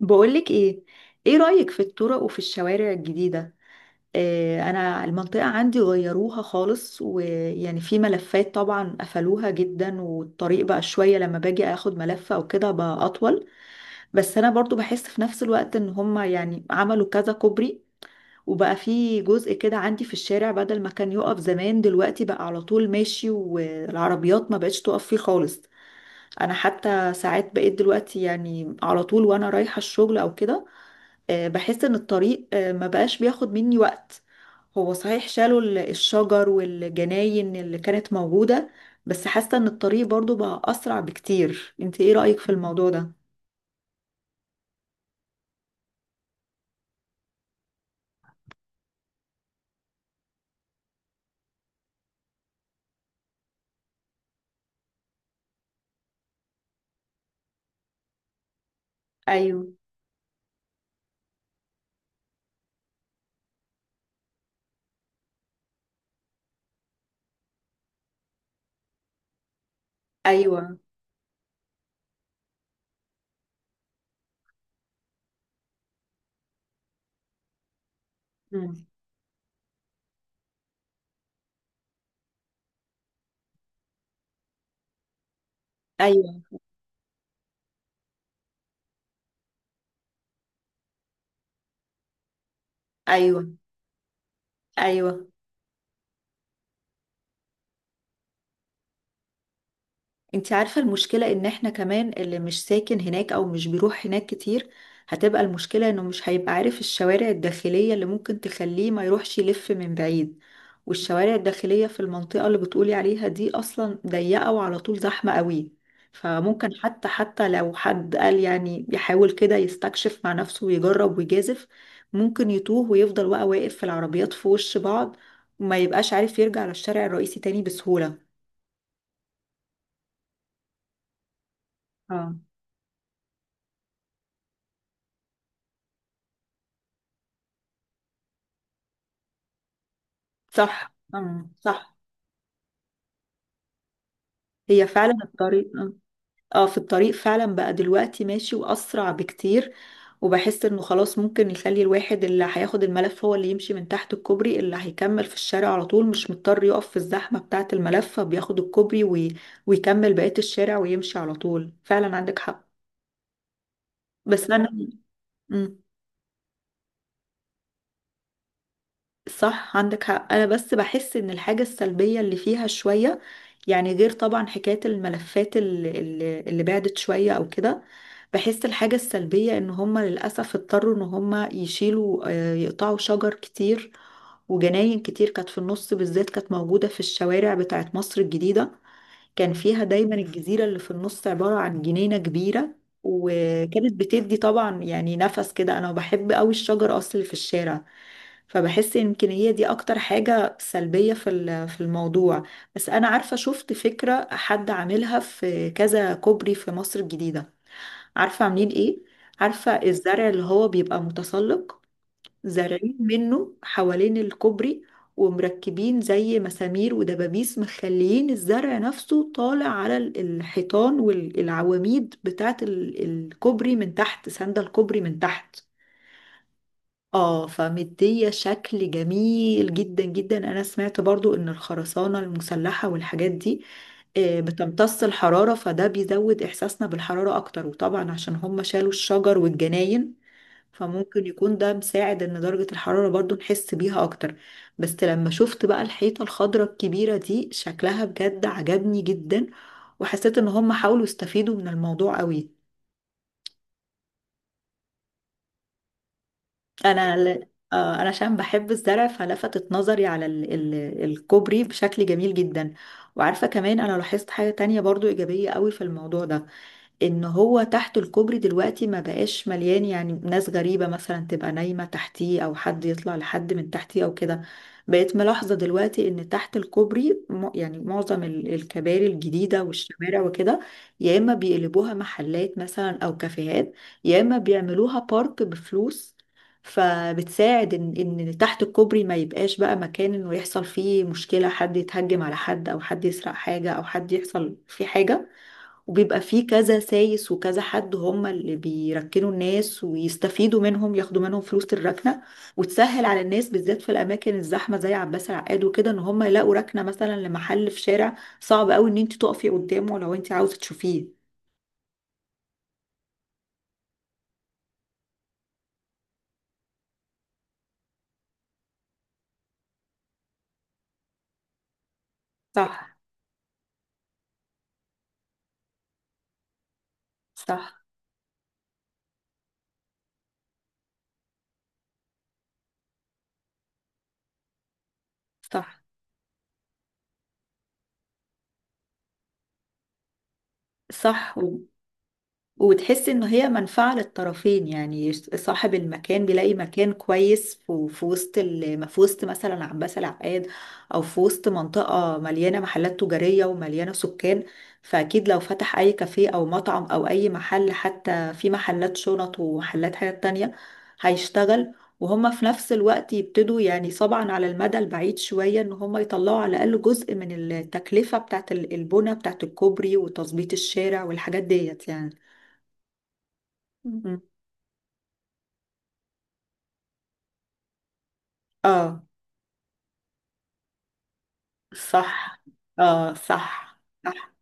بقولك ايه، ايه رأيك في الطرق وفي الشوارع الجديدة؟ آه، انا المنطقة عندي غيروها خالص، ويعني في ملفات طبعا قفلوها جدا، والطريق بقى شوية لما باجي اخد ملف او كده بقى اطول. بس انا برضو بحس في نفس الوقت ان هما يعني عملوا كذا كوبري، وبقى في جزء كده عندي في الشارع بدل ما كان يقف زمان دلوقتي بقى على طول ماشي، والعربيات ما بقتش تقف فيه خالص. انا حتى ساعات بقيت دلوقتي يعني على طول وانا رايحة الشغل او كده. بحس ان الطريق ما بقاش بياخد مني وقت. هو صحيح شالوا الشجر والجناين اللي كانت موجودة، بس حاسة ان الطريق برضو بقى اسرع بكتير. انت ايه رأيك في الموضوع ده؟ ايوه. ايوه. مم. ايوه. ايوه. ايوه. انت عارفة المشكلة ان احنا كمان اللي مش ساكن هناك او مش بيروح هناك كتير، هتبقى المشكلة انه مش هيبقى عارف الشوارع الداخلية اللي ممكن تخليه ما يروحش يلف من بعيد. والشوارع الداخلية في المنطقة اللي بتقولي عليها دي اصلا ضيقة وعلى طول زحمة قوي، فممكن حتى لو حد قال يعني يحاول كده يستكشف مع نفسه ويجرب ويجازف، ممكن يتوه ويفضل بقى واقف في العربيات في وش بعض، وما يبقاش عارف يرجع للشارع الرئيسي تاني بسهولة. اه صح. صح. هي فعلا الطريق اه، في الطريق فعلا بقى دلوقتي ماشي واسرع بكتير، وبحس انه خلاص ممكن يخلي الواحد اللي هياخد الملف هو اللي يمشي من تحت الكوبري، اللي هيكمل في الشارع على طول مش مضطر يقف في الزحمة بتاعة الملف، فبياخد الكوبري ويكمل بقية الشارع ويمشي على طول. فعلا عندك حق. بس انا. مم. صح عندك حق. انا بس بحس ان الحاجة السلبية اللي فيها شوية، يعني غير طبعا حكاية الملفات اللي بعدت شوية او كده، بحس الحاجة السلبية ان هم للأسف اضطروا ان هم يشيلوا يقطعوا شجر كتير وجناين كتير كانت في النص، بالذات كانت موجودة في الشوارع بتاعت مصر الجديدة، كان فيها دايما الجزيرة اللي في النص عبارة عن جنينة كبيرة، وكانت بتدي طبعا يعني نفس كده. انا بحب قوي الشجر اصل اللي في الشارع، فبحس يمكن هي دي اكتر حاجة سلبية في في الموضوع. بس انا عارفة شفت فكرة حد عاملها في كذا كوبري في مصر الجديدة. عارفة عاملين ايه؟ عارفة الزرع اللي هو بيبقى متسلق؟ زارعين منه حوالين الكوبري، ومركبين زي مسامير ودبابيس مخليين الزرع نفسه طالع على الحيطان والعواميد بتاعة الكوبري من تحت، سندة الكوبري من تحت. اه، فمدية شكل جميل جدا جدا. انا سمعت برضو ان الخرسانة المسلحة والحاجات دي بتمتص الحرارة، فده بيزود احساسنا بالحرارة اكتر، وطبعا عشان هم شالوا الشجر والجناين، فممكن يكون ده مساعد ان درجة الحرارة برضو نحس بيها اكتر. بس لما شفت بقى الحيطة الخضراء الكبيرة دي، شكلها بجد عجبني جدا، وحسيت ان هم حاولوا يستفيدوا من الموضوع قوي. انا انا عشان بحب الزرع فلفتت نظري على الكوبري بشكل جميل جدا. وعارفة كمان انا لاحظت حاجة تانية برضو ايجابية قوي في الموضوع ده، ان هو تحت الكوبري دلوقتي ما بقاش مليان يعني ناس غريبة مثلا تبقى نايمة تحتيه، او حد يطلع لحد من تحتيه او كده. بقيت ملاحظة دلوقتي ان تحت الكوبري يعني معظم الكباري الجديدة والشوارع وكده، يا اما بيقلبوها محلات مثلا او كافيهات، يا اما بيعملوها بارك بفلوس، فبتساعد ان ان تحت الكوبري ما يبقاش بقى مكان انه يحصل فيه مشكلة، حد يتهجم على حد او حد يسرق حاجة او حد يحصل فيه حاجة، وبيبقى فيه كذا سايس وكذا حد هم اللي بيركنوا الناس ويستفيدوا منهم ياخدوا منهم فلوس الركنة. وتسهل على الناس بالذات في الأماكن الزحمة زي عباس العقاد وكده، إن هم يلاقوا ركنة مثلا لمحل في شارع صعب قوي إن أنت تقفي قدامه لو أنت عاوزة تشوفيه. صح. صح. صح. صح. وتحس إن هي منفعة للطرفين، يعني صاحب المكان بيلاقي مكان كويس في وسط في وسط مثلا عباس العقاد، أو في وسط منطقة مليانة محلات تجارية ومليانة سكان، فأكيد لو فتح أي كافيه أو مطعم أو أي محل، حتى في محلات شنط ومحلات حاجات تانية، هيشتغل. وهما في نفس الوقت يبتدوا يعني طبعا على المدى البعيد شوية إن هما يطلعوا على الأقل جزء من التكلفة بتاعت البنى بتاعت الكوبري وتظبيط الشارع والحاجات ديت يعني. مم. اه صح. اه صح. صح.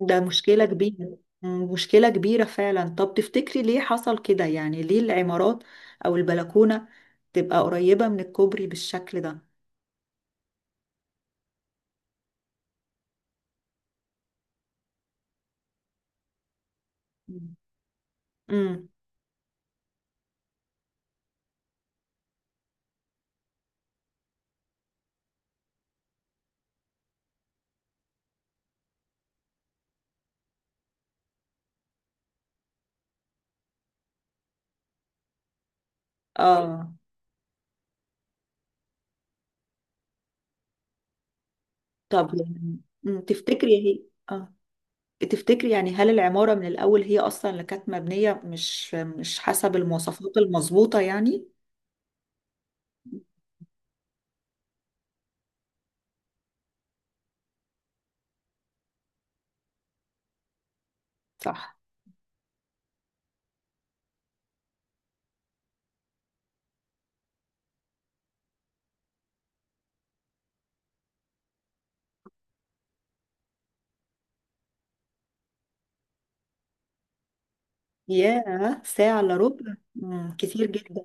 ده مشكلة كبيرة، مشكلة كبيرة فعلا. طب تفتكري ليه حصل كده، يعني ليه العمارات او البلكونة تبقى قريبة من الكوبري بالشكل ده؟ مم. امم اه. طب يعني. تفتكري هي. اه، تفتكري يعني هل العمارة من الأول هي أصلا اللي كانت مبنية مش حسب المواصفات المظبوطة يعني؟ صح. ياه، ساعة إلا ربع، كتير جدا.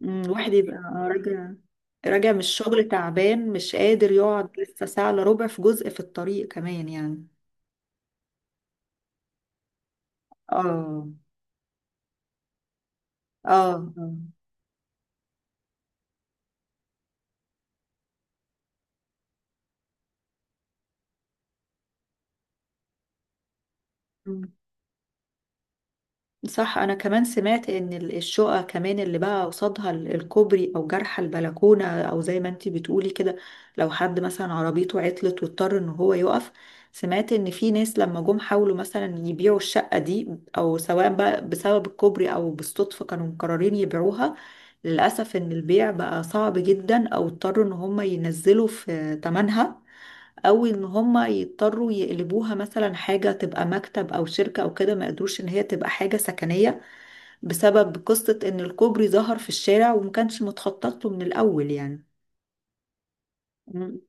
الواحد يبقى راجع، راجع من الشغل تعبان مش قادر يقعد لسه ساعة إلا ربع في جزء في الطريق كمان يعني. اه. اه. آه. مم. صح. انا كمان سمعت ان الشقق كمان اللي بقى قصادها الكوبري او جرح البلكونه، او زي ما انتي بتقولي كده لو حد مثلا عربيته عطلت واضطر ان هو يقف، سمعت ان في ناس لما جم حاولوا مثلا يبيعوا الشقه دي، او سواء بقى بسبب الكوبري او بالصدفه كانوا مقررين يبيعوها، للاسف ان البيع بقى صعب جدا، او اضطروا ان هم ينزلوا في تمنها، او ان هما يضطروا يقلبوها مثلا حاجة تبقى مكتب او شركة او كده، ما قدروش ان هي تبقى حاجة سكنية، بسبب قصة ان الكوبري ظهر في الشارع وما كانش متخطط له من الاول يعني. مم.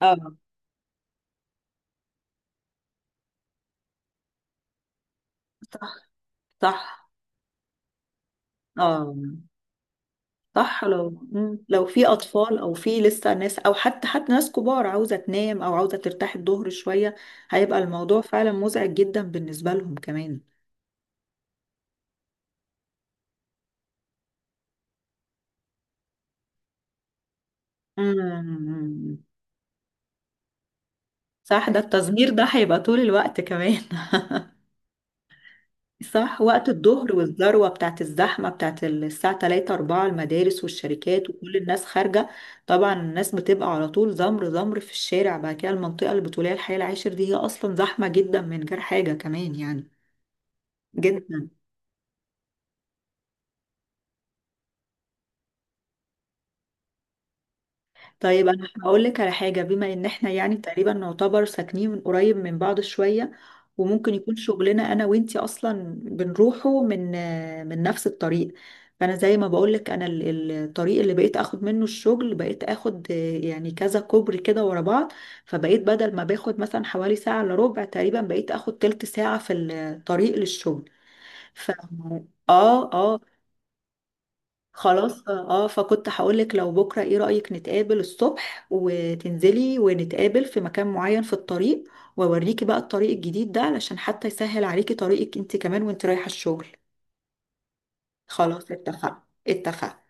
اه صح. صح. اه صح. لو مم. لو في اطفال او في لسه ناس، او حتى ناس كبار عاوزة تنام او عاوزة ترتاح الظهر شوية، هيبقى الموضوع فعلا مزعج جدا بالنسبة لهم كمان. مم. صح. ده التزمير ده هيبقى طول الوقت كمان. صح. وقت الظهر والذروة بتاعت الزحمة بتاعت الساعة 3 4، المدارس والشركات وكل الناس خارجة، طبعا الناس بتبقى على طول زمر زمر في الشارع بعد كده. المنطقة البتولية الحي العاشر دي هي أصلا زحمة جدا من غير حاجة كمان يعني. جدا. طيب انا هقول لك على حاجه، بما ان احنا يعني تقريبا نعتبر ساكنين من قريب من بعض شويه، وممكن يكون شغلنا انا وانتي اصلا بنروحه من نفس الطريق، فانا زي ما بقول لك انا الطريق اللي بقيت اخد منه الشغل بقيت اخد يعني كذا كوبري كده ورا بعض، فبقيت بدل ما باخد مثلا حوالي ساعه الا ربع تقريبا بقيت اخد تلت ساعه في الطريق للشغل. ف. اه اه. خلاص اه، فكنت هقولك لو بكرة، ايه رأيك نتقابل الصبح وتنزلي ونتقابل في مكان معين في الطريق، واوريكي بقى الطريق الجديد ده علشان حتى يسهل عليكي طريقك انت كمان وانت رايحة الشغل. خلاص، اتفقنا. اتفقنا.